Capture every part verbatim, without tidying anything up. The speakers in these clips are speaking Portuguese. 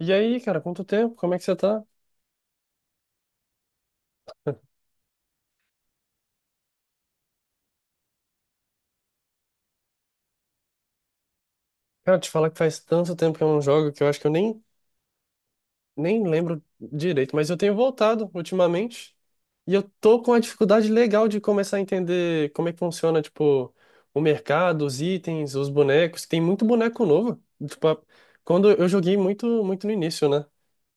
E aí, cara, quanto tempo? Como é que você tá? Cara, te falar que faz tanto tempo que eu não jogo que eu acho que eu nem, nem lembro direito, mas eu tenho voltado ultimamente e eu tô com uma dificuldade legal de começar a entender como é que funciona, tipo, o mercado, os itens, os bonecos. Tem muito boneco novo. Tipo, a- quando eu joguei muito, muito no início, né?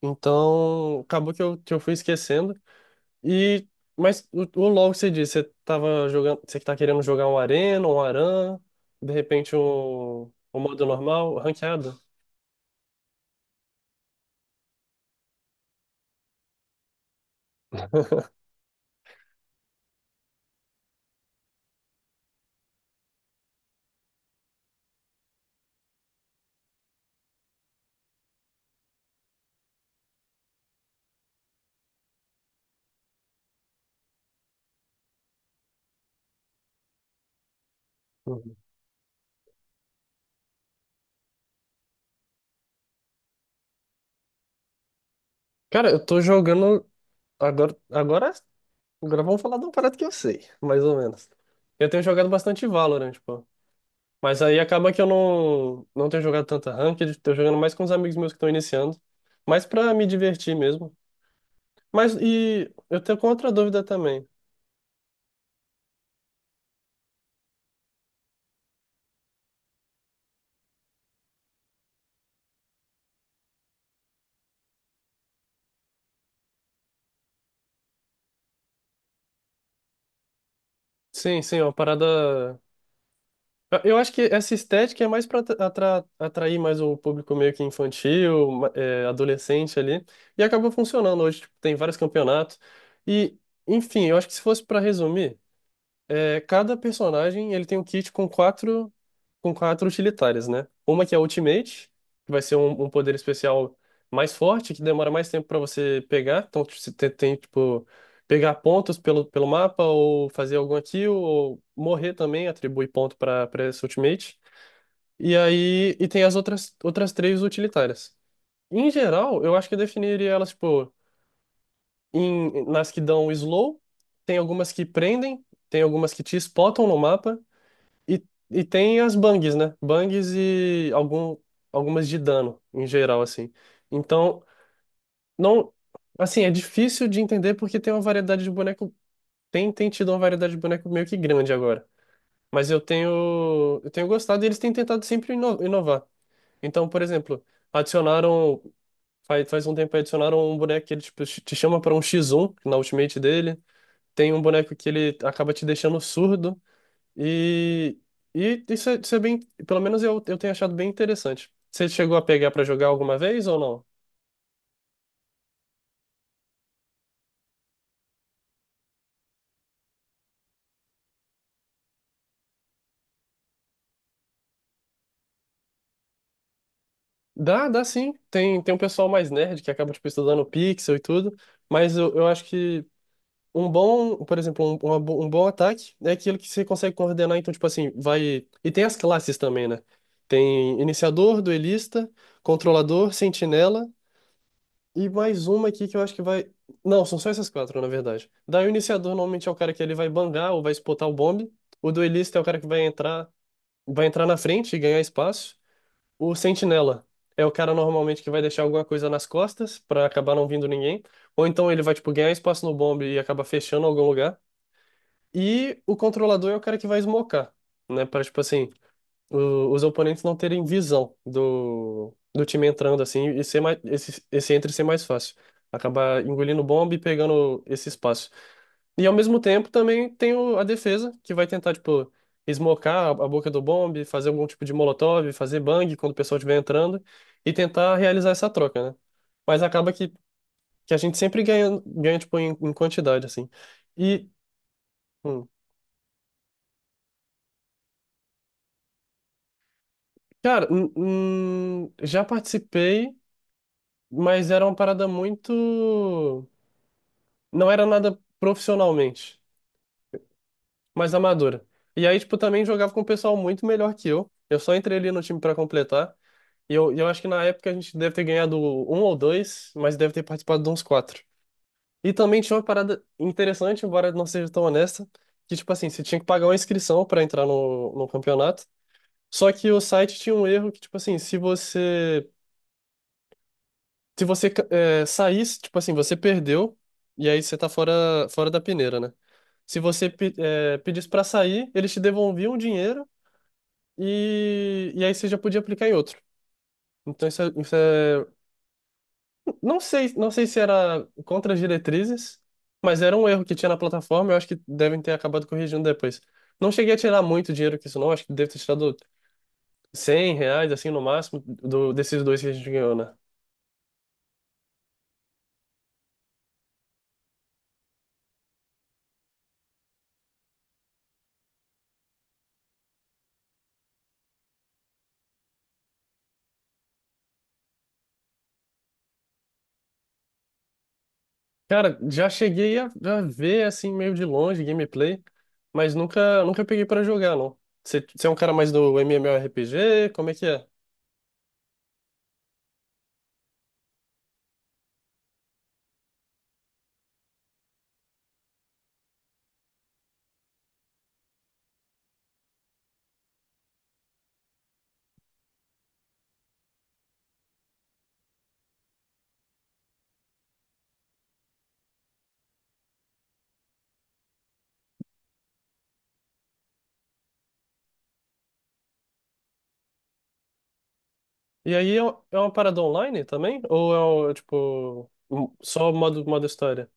Então, acabou que eu, que eu fui esquecendo. E, mas o, o LoL que você disse, você tava jogando, você que tá querendo jogar um Arena, um Aran, de repente um, um modo normal, ranqueado? Uhum. Cara, eu tô jogando. Agora, agora, agora vamos falar de um parada que eu sei, mais ou menos. Eu tenho jogado bastante Valorant, pô. Mas aí acaba que eu não, não tenho jogado tanta ranked, tô jogando mais com os amigos meus que estão iniciando, mais pra me divertir mesmo. Mas e eu tenho com outra dúvida também. Sim, sim, é uma parada. Eu eu acho que essa estética é mais para atrair mais o público meio que infantil, ma- é, adolescente ali, e acabou funcionando hoje. Tipo, tem vários campeonatos. E, enfim, eu acho que se fosse para resumir, é, cada personagem ele tem um kit com quatro com quatro utilitárias, né? Uma que é a Ultimate, que vai ser um, um poder especial mais forte, que demora mais tempo para você pegar. Então, tipo, você tem, tem, tipo, pegar pontos pelo, pelo mapa, ou fazer alguma kill, ou morrer também, atribui ponto para para essa Ultimate. E aí, e tem as outras, outras três utilitárias. Em geral, eu acho que eu definiria elas, tipo, em, nas que dão slow, tem algumas que prendem, tem algumas que te spotam no mapa, e, e tem as bangs, né? Bangs e algum, algumas de dano, em geral, assim. Então, não. Assim, é difícil de entender porque tem uma variedade de boneco. Tem, tem tido uma variedade de boneco meio que grande agora. Mas eu tenho. Eu tenho gostado e eles têm tentado sempre ino- inovar. Então, por exemplo, adicionaram. Faz, faz um tempo aí adicionaram um boneco que ele tipo, te chama para um xis um na ultimate dele. Tem um boneco que ele acaba te deixando surdo. E, e isso é, isso é bem. Pelo menos eu, eu tenho achado bem interessante. Você chegou a pegar pra jogar alguma vez ou não? Dá, dá sim. Tem, tem um pessoal mais nerd que acaba, tipo, estudando pixel e tudo. Mas eu, eu acho que um bom, por exemplo, um, uma bo- um bom ataque é aquilo que você consegue coordenar. Então, tipo assim, vai. E tem as classes também, né? Tem iniciador, duelista, controlador, sentinela. E mais uma aqui que eu acho que vai. Não, são só essas quatro, na verdade. Daí o iniciador normalmente é o cara que ele vai bangar ou vai espotar o bombe. O duelista é o cara que vai entrar, vai entrar na frente e ganhar espaço. O sentinela é o cara normalmente que vai deixar alguma coisa nas costas pra acabar não vindo ninguém. Ou então ele vai tipo ganhar espaço no bombe e acaba fechando algum lugar. E o controlador é o cara que vai smocar, né? Para tipo assim, o- os oponentes não terem visão do, do time entrando assim e ser mais, esse, esse entre ser mais fácil. Acabar engolindo bomba e pegando esse espaço. E ao mesmo tempo também tem o- a defesa, que vai tentar, tipo, esmocar a, a boca do bombe, fazer algum tipo de molotov, fazer bang quando o pessoal estiver entrando e tentar realizar essa troca, né? Mas acaba que, que a gente sempre ganha, ganha tipo, em, em quantidade, assim. E, hum, cara, hum, hum, já participei. Mas era uma parada muito. Não era nada profissionalmente, mas amadora. E aí, tipo, também jogava com um pessoal muito melhor que eu. Eu só entrei ali no time pra completar. E eu, eu acho que na época a gente deve ter ganhado um ou dois, mas deve ter participado de uns quatro. E também tinha uma parada interessante, embora não seja tão honesta, que, tipo assim, você tinha que pagar uma inscrição pra entrar no, no campeonato. Só que o site tinha um erro que, tipo assim, se você Se você ca- é, saísse, tipo assim, você perdeu, e aí você tá fora, fora da peneira, né? Se você pe- é, pedisse pra sair, eles te devolviam o dinheiro e, e aí você já podia aplicar em outro. Então isso é, isso é- Não sei, não sei se era contra as diretrizes, mas era um erro que tinha na plataforma, eu acho que devem ter acabado corrigindo depois. Não cheguei a tirar muito dinheiro com isso, não, acho que deve ter tirado cem reais, assim, no máximo, do, desses dois que a gente ganhou, né? Cara, já cheguei a, a ver assim meio de longe gameplay, mas nunca nunca peguei pra jogar, não. Você é um cara mais do M M O R P G? Como é que é? E aí é um- é uma parada online também? Ou é um, tipo um- só modo modo história?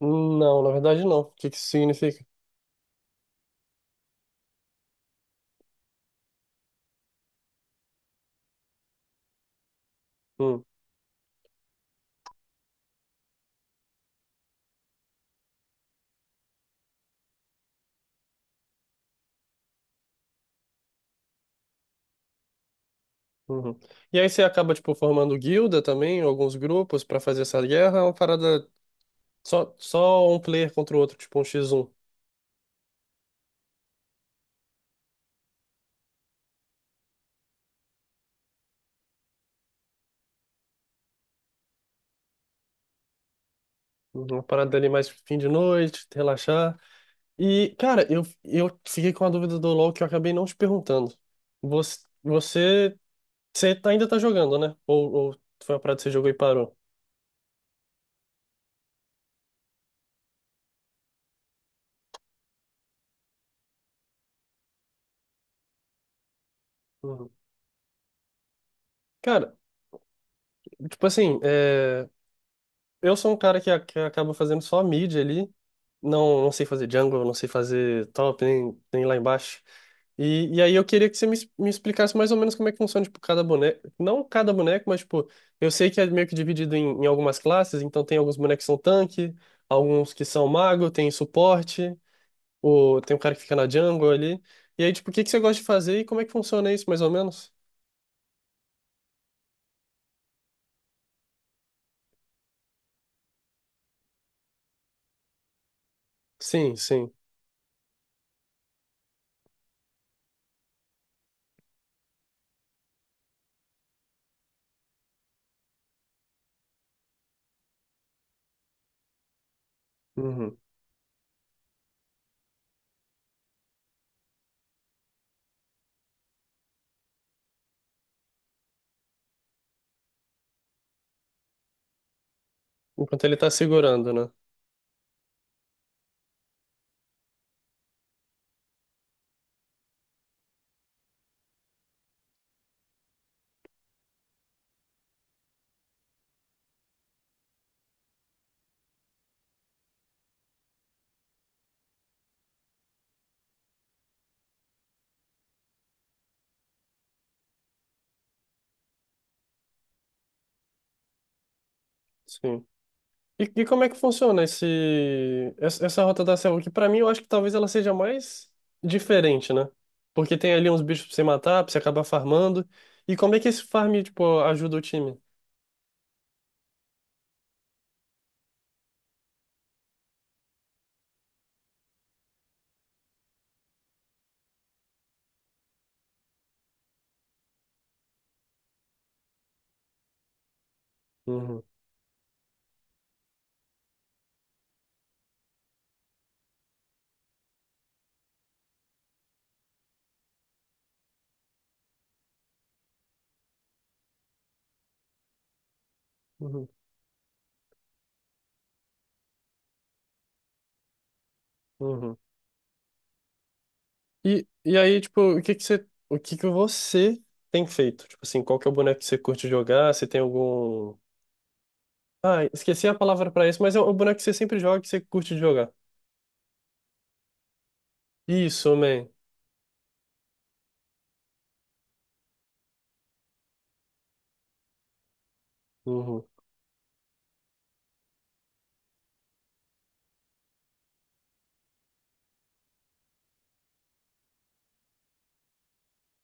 Não, na verdade não. O que que isso significa? Hum, uhum. E aí você acaba tipo formando guilda também, alguns grupos pra fazer essa guerra, é uma parada só só um player contra o outro, tipo um x um? Uhum. Uma parada ali mais fim de noite, relaxar. E, cara, eu, eu fiquei com a dúvida do LoL que eu acabei não te perguntando. Você, você, você tá- ainda tá jogando, né? Ou, ou foi uma parada que você jogou e parou? Uhum. Cara, tipo assim, é, eu sou um cara que, a- que acaba fazendo só mid ali. Não, não sei fazer jungle, não sei fazer top, nem, nem lá embaixo. E, e aí eu queria que você me, es- me explicasse mais ou menos como é que funciona, tipo, cada boneco. Não cada boneco, mas, tipo, eu sei que é meio que dividido em, em algumas classes, então tem alguns bonecos que são tanque, alguns que são mago, tem suporte, o, tem um cara que fica na jungle ali. E aí, tipo, o que que você gosta de fazer e como é que funciona isso, mais ou menos? Sim, sim. Uhum. Enquanto ele tá segurando, né? Sim. E, e como é que funciona esse, essa essa rota da selva? Que pra mim eu acho que talvez ela seja mais diferente, né? Porque tem ali uns bichos pra você matar, pra você acabar farmando. E como é que esse farm, tipo, ajuda o time? Uhum, uhum, uhum. E, e aí, tipo, o que que você, o que que você tem feito? Tipo assim, qual que é o boneco que você curte jogar? Se tem algum. Ah, esqueci a palavra pra isso, mas é o boneco que você sempre joga, que você curte de jogar. Isso, man. Uhum.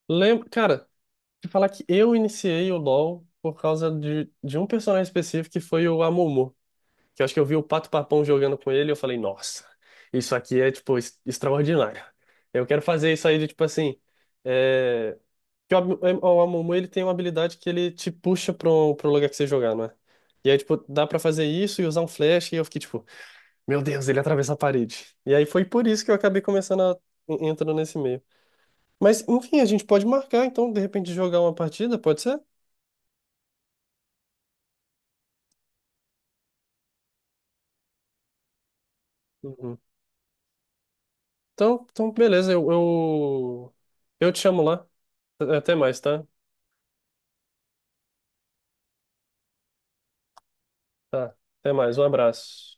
Lembra, cara, te falar que eu iniciei o LoL por causa de, de um personagem específico que foi o Amumu. Que eu acho que eu vi o Pato Papão jogando com ele e eu falei, nossa, isso aqui é, tipo, es- extraordinário. Eu quero fazer isso aí de, tipo assim. É... que O Ab- o Amumu, ele tem uma habilidade que ele te puxa pro, pro lugar que você jogar, não é? E aí, tipo, dá pra fazer isso e usar um flash e eu fiquei, tipo, meu Deus, ele atravessa a parede. E aí foi por isso que eu acabei começando a... en- entrando nesse meio. Mas, enfim, a gente pode marcar, então, de repente, jogar uma partida, pode ser? Uhum. Então, então, beleza, eu, eu, eu te chamo lá. Até mais, tá? Tá, até mais, um abraço.